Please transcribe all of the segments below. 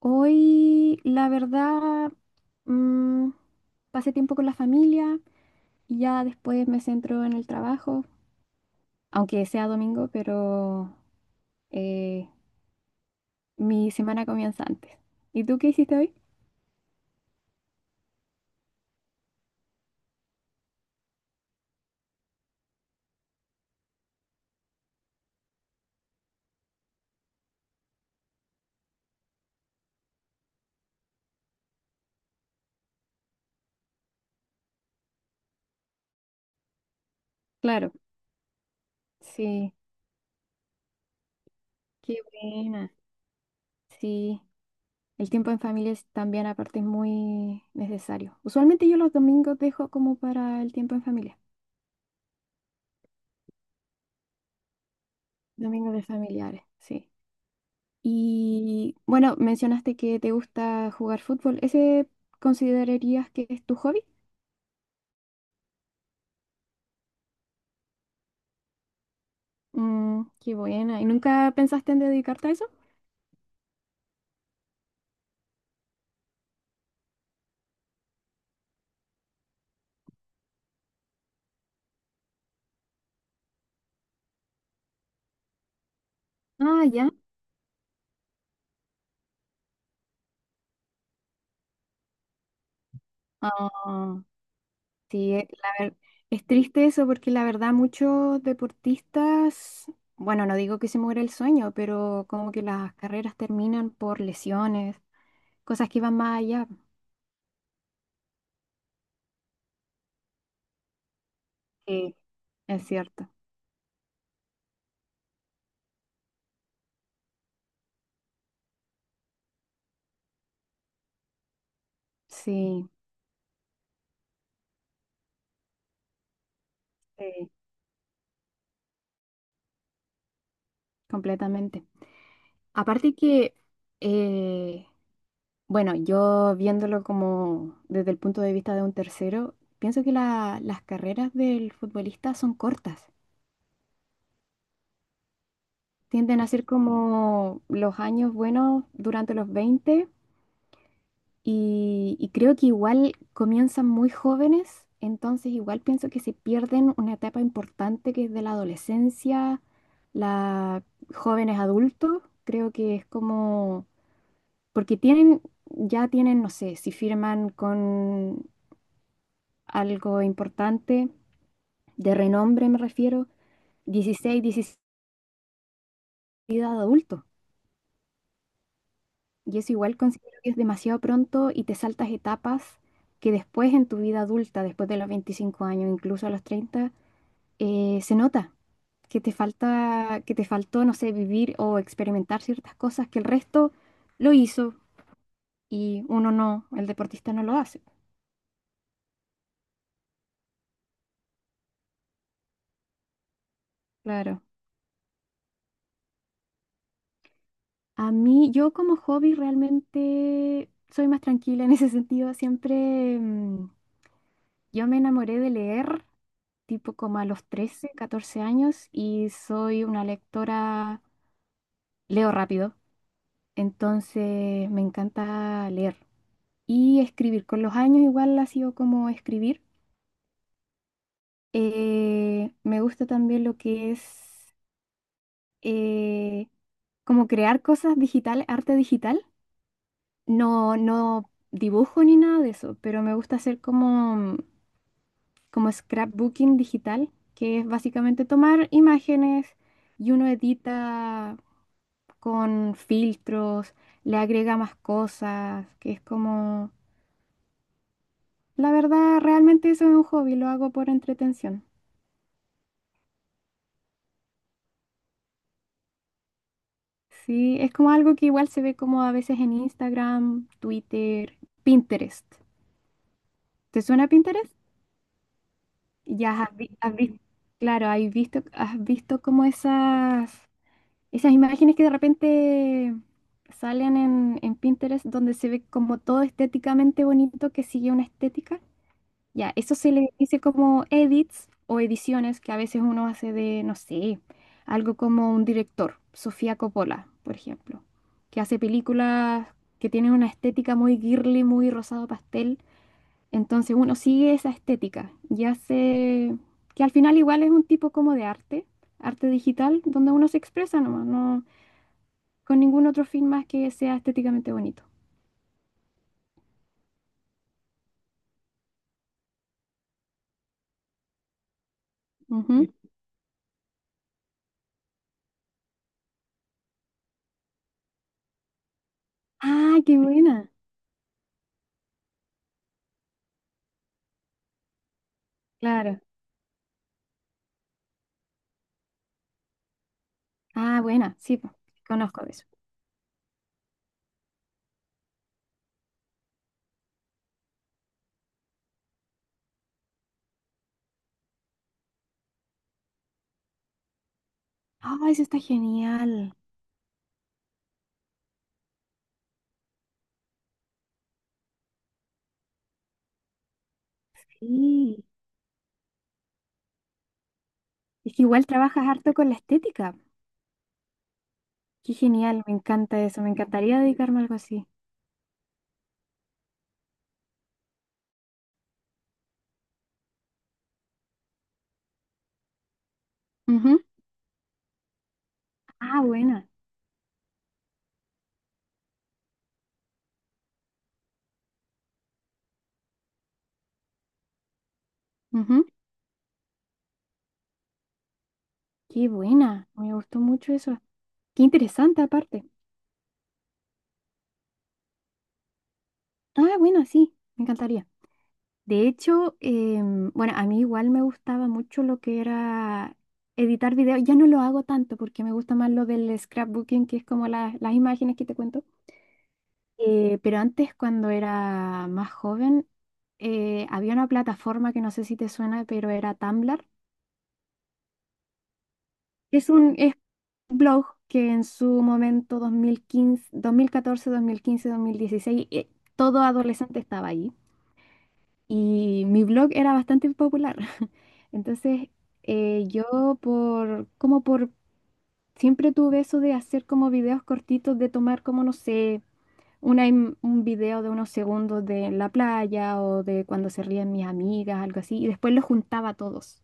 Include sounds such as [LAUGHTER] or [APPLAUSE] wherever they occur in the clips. Hoy, la verdad, mm, pasé tiempo con la familia y ya después me centro en el trabajo, aunque sea domingo, pero eh, mi semana comienza antes. ¿Y tú qué hiciste hoy? Claro, sí, qué buena. Sí, el tiempo en familia es también aparte es muy necesario. Usualmente yo los domingos dejo como para el tiempo en familia, domingos de familiares, sí. Y bueno, mencionaste que te gusta jugar fútbol. ¿Ese considerarías que es tu hobby? Mm, qué buena. ¿Y nunca pensaste en dedicarte a eso? Ah, ya. Ah, sí, es triste eso porque la verdad muchos deportistas, bueno, no digo que se muera el sueño, pero como que las carreras terminan por lesiones, cosas que van más allá. Sí, es cierto. Sí, sí, completamente. Aparte que eh, bueno, yo viéndolo como desde el punto de vista de un tercero, pienso que las carreras del futbolista son cortas. Tienden a ser como los años buenos durante los 20 y creo que igual comienzan muy jóvenes, entonces igual pienso que se pierden una etapa importante que es de la adolescencia, la jóvenes adultos, creo que es como, porque tienen, ya tienen, no sé, si firman con algo importante, de renombre me refiero, 16 17 de adulto. Y eso igual considero que es demasiado pronto y te saltas etapas que después en tu vida adulta, después de los 25 años, incluso a los 30 se nota que te falta, que te faltó, no sé, vivir o experimentar ciertas cosas que el resto lo hizo y uno no, el deportista no lo hace. Claro. A mí, yo como hobby realmente soy más tranquila en ese sentido. Siempre yo me enamoré de leer tipo como a los 13, 14 años y soy una lectora, leo rápido, entonces me encanta leer y escribir. Con los años igual ha sido como escribir. Me gusta también lo que es eh, como crear cosas digitales, arte digital. No, no dibujo ni nada de eso, pero me gusta hacer como scrapbooking digital, que es básicamente tomar imágenes y uno edita con filtros, le agrega más cosas, que es como, la verdad, realmente eso es un hobby, lo hago por entretención. Sí, es como algo que igual se ve como a veces en Instagram, Twitter, Pinterest. ¿Te suena Pinterest? Ya has, has visto, claro, has visto como esas esas imágenes que de repente salen en Pinterest donde se ve como todo estéticamente bonito que sigue una estética. Ya, eso se le dice como edits o ediciones que a veces uno hace de, no sé, algo como un director, Sofía Coppola, por ejemplo, que hace películas que tienen una estética muy girly, muy rosado pastel. Entonces uno sigue esa estética y hace, que al final igual es un tipo como de arte, arte digital, donde uno se expresa nomás, no con ningún otro fin más que sea estéticamente bonito. Ujú. Sí. Ah, qué buena. Claro. Ah, buena. Sí, po, conozco de eso. Ah, eso está genial. Sí. Es que igual trabajas harto con la estética. Qué genial, me encanta eso. Me encantaría dedicarme a algo así. Ujú. Ah, buena. Ujú. Qué buena. Me gustó mucho eso. Qué interesante aparte. Ah, bueno sí. Me encantaría. De hecho, bueno, a mí igual me gustaba mucho lo que era editar videos. Ya no lo hago tanto porque me gusta más lo del scrapbooking, que es como las imágenes que te cuento. Pero antes, cuando era más joven, había una plataforma que no sé si te suena, pero era Tumblr. Es un blog que en su momento 2014, 2015, 14, 2015, 2014, 2015, 2016, todo adolescente estaba ahí. Y mi blog era bastante popular. [LAUGHS] Entonces, yo por, como por, siempre tuve eso de hacer como videos cortitos, de tomar como, no sé, un video de unos segundos de la playa o de cuando se ríen mis amigas, algo así, y después los juntaba a todos.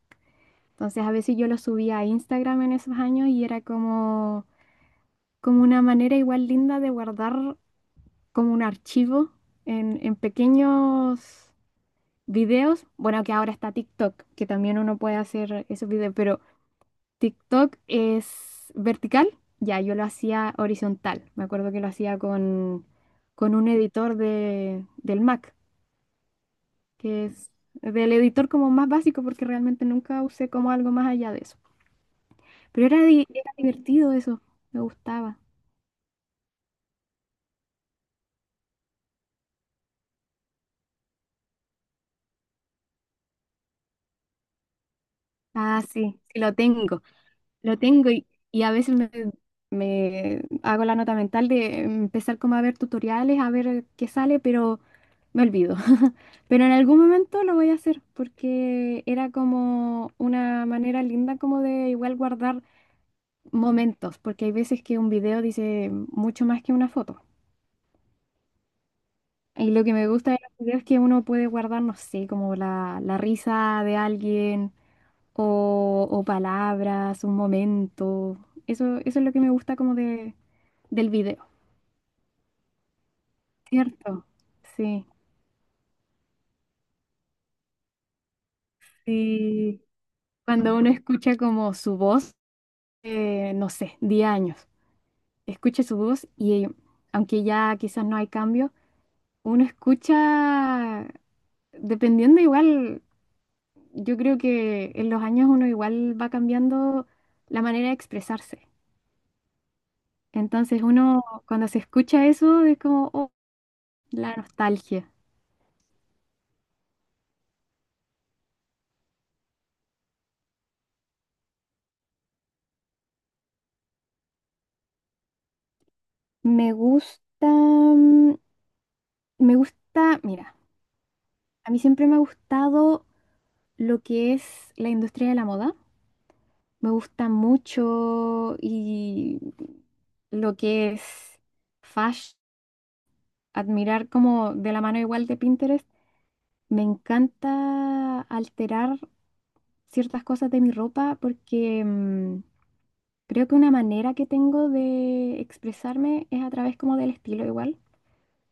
Entonces, a veces yo los subía a Instagram en esos años y era como, como una manera igual linda de guardar como un archivo en pequeños videos, bueno, que ahora está TikTok, que también uno puede hacer esos videos, pero TikTok es vertical, ya yo lo hacía horizontal, me acuerdo que lo hacía con un editor de, del Mac, que es del editor como más básico, porque realmente nunca usé como algo más allá de eso, pero era, era divertido eso, me gustaba. Ah, sí, sí lo tengo. Lo tengo y a veces me hago la nota mental de empezar como a ver tutoriales, a ver qué sale, pero me olvido. [LAUGHS] Pero en algún momento lo voy a hacer porque era como una manera linda como de igual guardar momentos, porque hay veces que un video dice mucho más que una foto. Y lo que me gusta de los videos es que uno puede guardar, no sé, como la risa de alguien o palabras, un momento. Eso es lo que me gusta como de, del video, ¿cierto? Sí, sí. Cuando uno escucha como su voz, no sé, 10 años, escucha su voz y aunque ya quizás no hay cambio, uno escucha, dependiendo igual, yo creo que en los años uno igual va cambiando la manera de expresarse. Entonces uno cuando se escucha eso es como, oh, la nostalgia. Me gusta, mm, me gusta, mira, a mí siempre me ha gustado lo que es la industria de la moda. Me gusta mucho y lo que es fashion, admirar como de la mano igual de Pinterest. Me encanta alterar ciertas cosas de mi ropa porque creo que una manera que tengo de expresarme es a través como del estilo igual.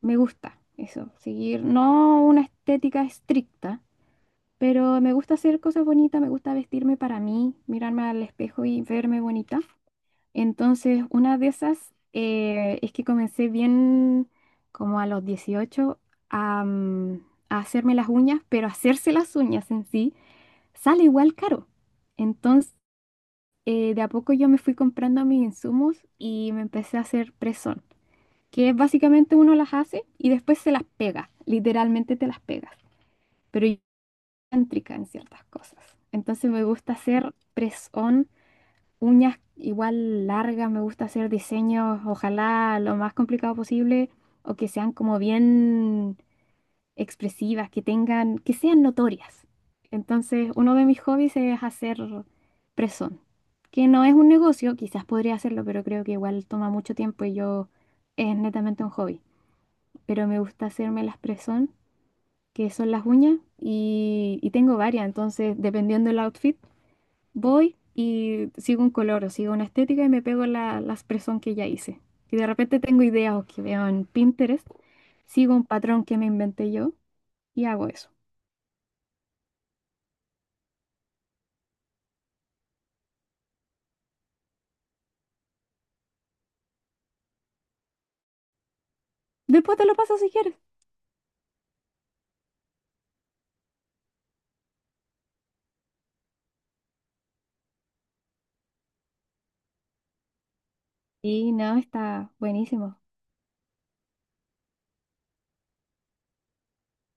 Me gusta eso, seguir no una estética estricta, pero me gusta hacer cosas bonitas, me gusta vestirme para mí, mirarme al espejo y verme bonita. Entonces, una de esas es que comencé bien como a los 18 a, mm, a hacerme las uñas, pero hacerse las uñas en sí sale igual caro. Entonces, de a poco yo me fui comprando mis insumos y me empecé a hacer press que es básicamente uno las hace y después se las pega, literalmente te las pegas, pero yo soy cántrica en ciertas cosas. Entonces me gusta hacer press-on, uñas igual largas, me gusta hacer diseños, ojalá lo más complicado posible o que sean como bien expresivas, que tengan, que sean notorias. Entonces, uno de mis hobbies es hacer press-on, que no es un negocio, quizás podría hacerlo, pero creo que igual toma mucho tiempo y yo es netamente un hobby pero me gusta hacerme las presón, que son las uñas, y tengo varias, entonces dependiendo del outfit, voy y sigo un color o sigo una estética y me pego las presón que ya hice. Y de repente tengo ideas o que veo en Pinterest, sigo un patrón que me inventé yo y hago eso. Después te lo paso si quieres. Y no, está buenísimo.